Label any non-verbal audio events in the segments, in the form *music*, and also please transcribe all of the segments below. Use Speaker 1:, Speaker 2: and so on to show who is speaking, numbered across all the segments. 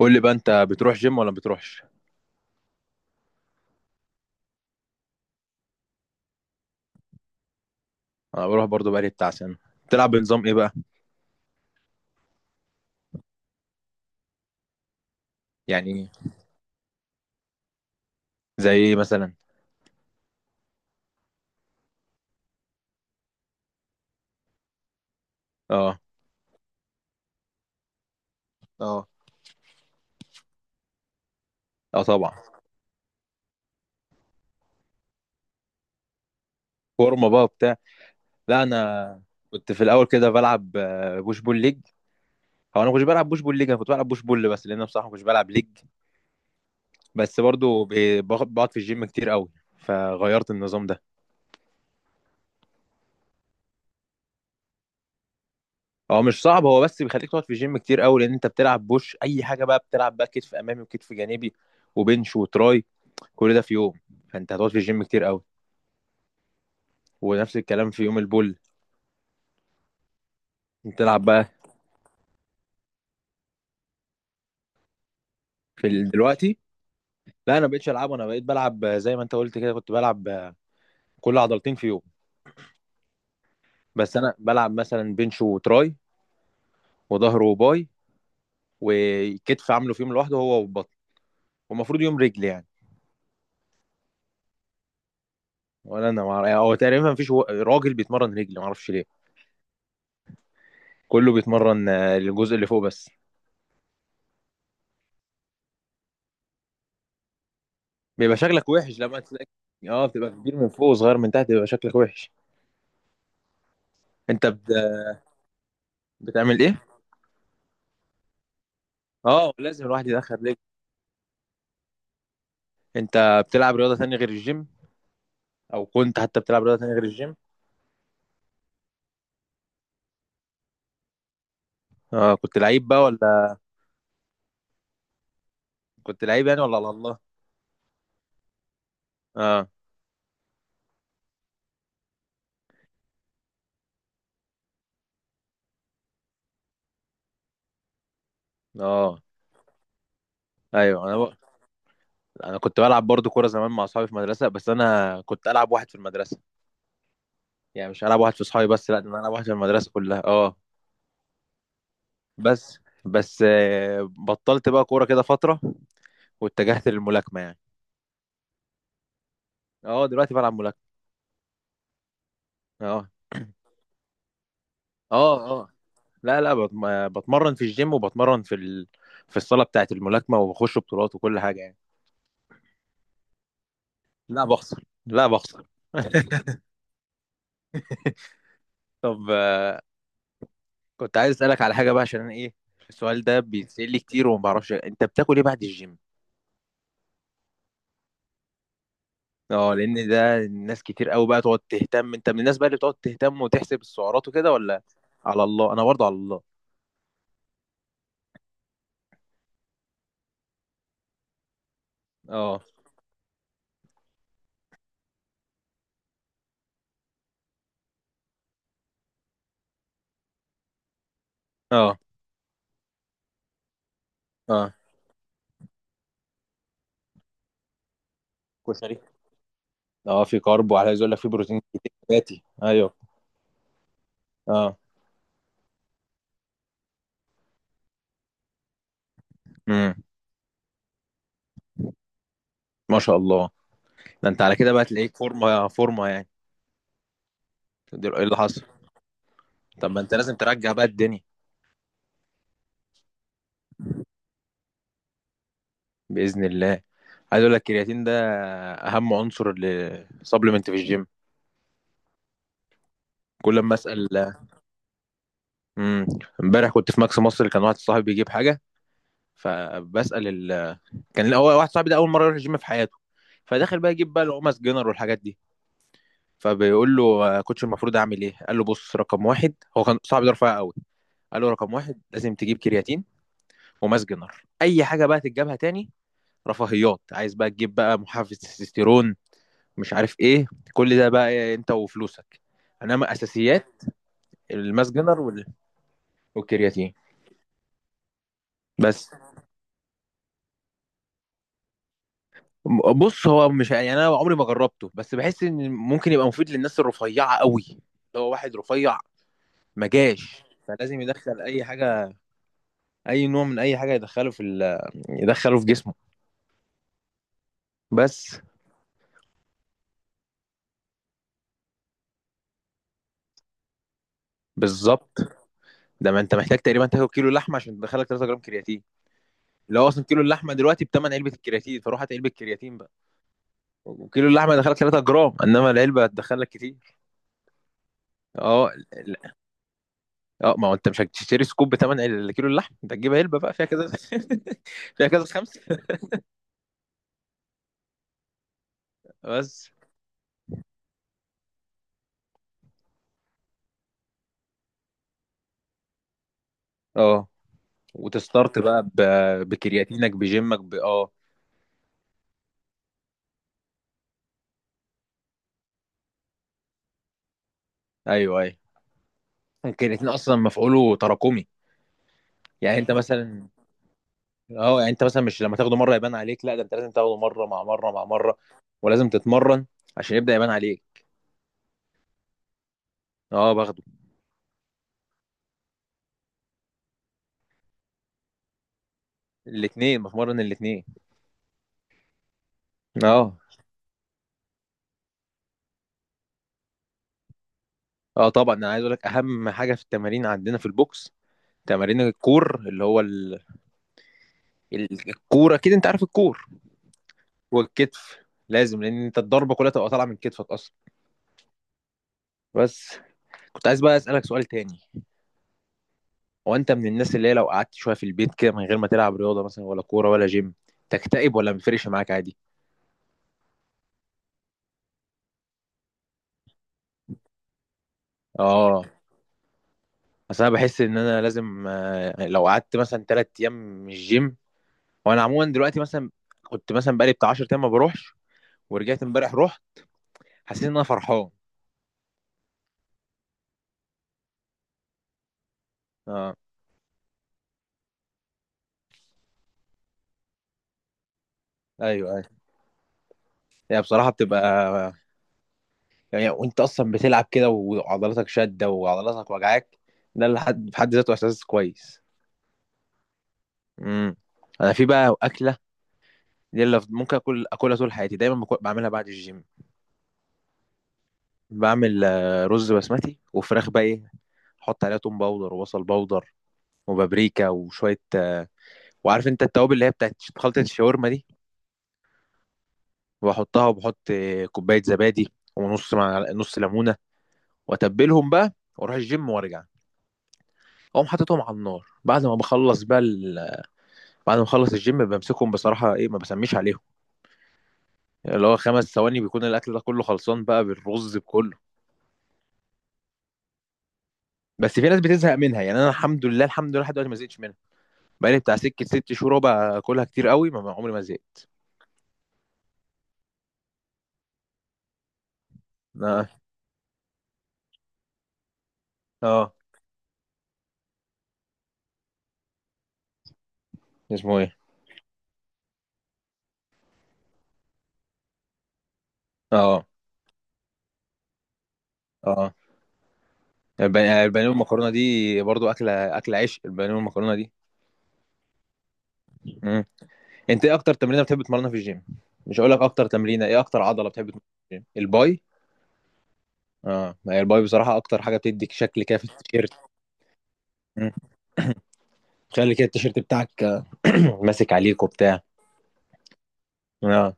Speaker 1: قول لي بقى، انت بتروح جيم ولا ما بتروحش؟ انا بروح برضو، بقالي بتاع سنه. بتلعب بنظام ايه بقى؟ يعني زي ايه مثلا؟ اه. اه. اه، طبعا. فورمه بقى وبتاع. لا، انا كنت في الاول كده بلعب بوش بول ليج. هو انا ما كنتش بلعب بوش بول ليج، انا كنت بلعب بوش بول بس، لان أنا بصراحه ما كنتش بلعب ليج. بس برضو بقعد في الجيم كتير قوي، فغيرت النظام ده. هو مش صعب، هو بس بيخليك تقعد في الجيم كتير قوي لان انت بتلعب بوش اي حاجه بقى، بتلعب بقى كتف امامي وكتف جانبي وبنش وتراي، كل ده في يوم، فانت هتقعد في الجيم كتير قوي. ونفس الكلام في يوم البول. بتلعب بقى دلوقتي؟ لا، انا بقيتش العبه، انا بقيت بلعب زي ما انت قلت كده، كنت بلعب كل عضلتين في يوم، بس انا بلعب مثلا بنش وتراي، وظهر وباي، وكتف عامله في يوم لوحده هو والبطن، ومفروض يوم رجل يعني. ولا انا هو تقريبا مفيش راجل بيتمرن رجل، ما اعرفش ليه. كله بيتمرن الجزء اللي فوق بس. بيبقى شكلك وحش لما تلاقي. اه، بتبقى كبير من فوق وصغير من تحت، بيبقى شكلك وحش. انت بت... بتعمل ايه؟ اه، لازم الواحد يدخل رجل. انت بتلعب رياضة تانية غير الجيم؟ او كنت حتى بتلعب رياضه تانية غير الجيم؟ اه، كنت لعيب بقى ولا؟ كنت لعيب يعني، ولا على الله؟ اه. اه. ايوه. انا كنت بلعب برضو كوره زمان مع اصحابي في المدرسه، بس انا كنت العب واحد في المدرسه. يعني مش العب واحد في اصحابي بس، لا، ده انا العب واحد في المدرسه كلها. اه. بس بس بطلت بقى كوره كده فتره، واتجهت للملاكمه يعني. اه، دلوقتي بلعب ملاكمه. اه اه. اه. لا، لا، بتمرن في الجيم، وبتمرن في الصاله بتاعه الملاكمه، وبخش بطولات وكل حاجه يعني. لا، بخسر، لا، بخسر. *laughs* طب، كنت عايز اسالك على حاجه بقى عشان انا ايه. السؤال ده بيتسال لي كتير، وما بعرفش انت بتاكل ايه بعد الجيم. اه، لان ده الناس كتير قوي بقى تقعد تهتم. انت من الناس بقى اللي بتقعد تهتم وتحسب السعرات وكده ولا؟ على الله، انا برضه على الله. اه. اه. اه. كشري. اه، في كارب، وعلى عايز اقول لك في بروتين كتير نباتي، ايوه. اه. امم. ما شاء الله. ده انت على كده بقى تلاقيك فورمه فورمه يعني. ايه اللي حصل؟ طب ما انت لازم ترجع بقى الدنيا. باذن الله. عايز اقول لك الكرياتين ده اهم عنصر لسبلمنت في الجيم. كل ما اسال. امم. امبارح كنت في ماكس مصر، كان واحد صاحبي بيجيب حاجه، فبسال ال... كان هو واحد صاحبي ده اول مره يروح الجيم في حياته، فداخل بقى يجيب بقى القمص جنر والحاجات دي، فبيقول له: كوتش، المفروض اعمل ايه؟ قال له: بص، رقم واحد، هو كان صاحبي ده رفيع قوي، قال له رقم واحد لازم تجيب كرياتين، وماس جنر، اي حاجه بقى تتجابها تاني، رفاهيات، عايز بقى تجيب بقى محفز تستوستيرون، مش عارف ايه، كل ده بقى انت وفلوسك. انما اساسيات: الماس جنر وال- والكرياتين. بس، بص، هو مش يعني، انا عمري ما جربته، بس بحس ان ممكن يبقى مفيد للناس الرفيعه قوي، اللي هو واحد رفيع ما جاش، فلازم يدخل اي حاجه، اي نوع من اي حاجه، يدخله في جسمه. بس. بالظبط. ده ما انت محتاج تقريبا تاكل كيلو لحمه عشان تدخلك 3 جرام كرياتين، اللي هو اصلا كيلو اللحمه دلوقتي بتمن علبه الكرياتين، فروح هات علبه كرياتين بقى. وكيلو اللحمه يدخلك 3 جرام، انما العلبه هتدخلك كتير. اه. اه، ما هو انت مش هتشتري سكوب بتمن الكيلو اللحم، انت هتجيب علبه بقى فيها كذا، *laughs* فيها كذا خمسه. بس. اه، وتستارت بقى بكرياتينك بجيمك اه. ايوه، ايوه. الكرياتين اصلا مفعوله تراكمي، يعني انت مثلا، اه، يعني انت مثلا مش لما تاخده مره يبان عليك، لا، ده انت لازم تاخده مره مع مره مع مره، ولازم تتمرن عشان يبدا يبان عليك. اه، باخده. الاثنين، بتمرن الاثنين. اه. اه، طبعا. انا عايز اقول لك اهم حاجه في التمارين عندنا في البوكس: تمارين الكور، اللي هو الكوره كده، انت عارف الكور، والكتف، لازم، لان انت الضربه كلها تبقى طالعه من كتفك اصلا. بس. كنت عايز بقى اسالك سؤال تاني. هو انت من الناس اللي هي لو قعدت شويه في البيت كده من غير ما تلعب رياضه مثلا، ولا كوره ولا جيم، تكتئب ولا مفرقش معاك عادي؟ اه. اصل انا بحس ان انا لازم، لو قعدت مثلا 3 ايام مش جيم. وانا عموما دلوقتي مثلا، كنت مثلا بقالي بتاع 10 ايام ما بروحش، ورجعت امبارح رحت، حسيت ان انا فرحان. اه. ايوه، ايوه. هي بصراحه بتبقى، يعني وانت اصلا بتلعب كده وعضلاتك شاده وعضلاتك وجعاك، ده اللي حد في حد ذاته احساس كويس. امم. انا في بقى اكله دي اللي ممكن اكل اكلها طول حياتي، دايما بعملها بعد الجيم. بعمل رز بسمتي وفراخ بقى، ايه، احط عليها توم باودر وبصل باودر، وبابريكا وشويه، وعارف انت التوابل اللي هي بتاعت خلطه الشاورما دي، وبحطها، وبحط كوبايه زبادي، ونص مع نص ليمونه، واتبلهم بقى، واروح الجيم وارجع. اقوم حاططهم على النار بعد ما بخلص بقى. بعد ما اخلص الجيم بمسكهم، بصراحه ايه، ما بسميش عليهم، يعني اللي هو 5 ثواني بيكون الاكل ده كله خلصان بقى بالرز بكله. بس في ناس بتزهق منها، يعني انا، الحمد لله، الحمد لله، لحد دلوقتي ما زهقتش منها. بقالي بتاع سكه 6 شهور بقى اكلها كتير قوي، ما عمري ما زهقت. اه. اه، اسمه ايه؟ اه. اه. البانيه والمكرونه دي برضو اكله، اكله عشق البانيه والمكرونه دي. مم. انت ايه اكتر تمرينه بتحب تمرنها في الجيم؟ مش هقول لك اكتر تمرينه ايه، اكتر عضله بتحب تمرنها في الجيم؟ الباي. اه، ما هي الباي بصراحه اكتر حاجه بتديك شكل كده في التيشيرت، خلي كده التيشيرت بتاعك *clears throat* ماسك عليك وبتاع. اه،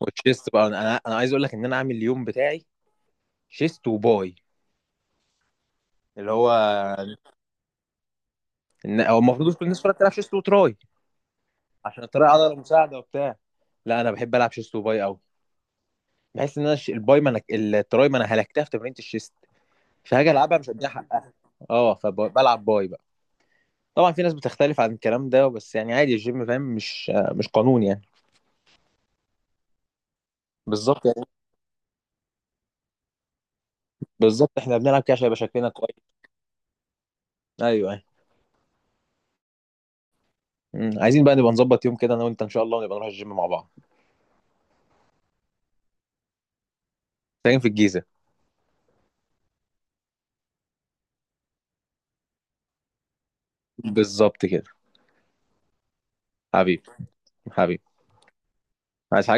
Speaker 1: والشيست بقى، انا عايز اقول لك ان انا عامل اليوم بتاعي شيست وباي، اللي هو، هو المفروض كل الناس كلها بتلعب شيست وتراي عشان التراي عضله مساعده وبتاع. لا، انا بحب العب شيست وباي قوي، بحس ان انا الباي، ما انا التراي، ما انا هلكتها في تمرينه الشيست، فهاجي العبها مش هديها حقها. اه، فبلعب باي بقى. طبعا في ناس بتختلف عن الكلام ده، بس يعني عادي، الجيم فاهم، مش قانون يعني. بالظبط يعني. بالظبط، احنا بنلعب كده عشان يبقى شكلنا كويس. ايوه. مم. عايزين بقى نبقى نظبط يوم كده انا وانت ان شاء الله، ونبقى نروح الجيم مع بعض. تمرين في الجيزة. بالظبط كده. حبيبي. حبيبي. عايز حاجة؟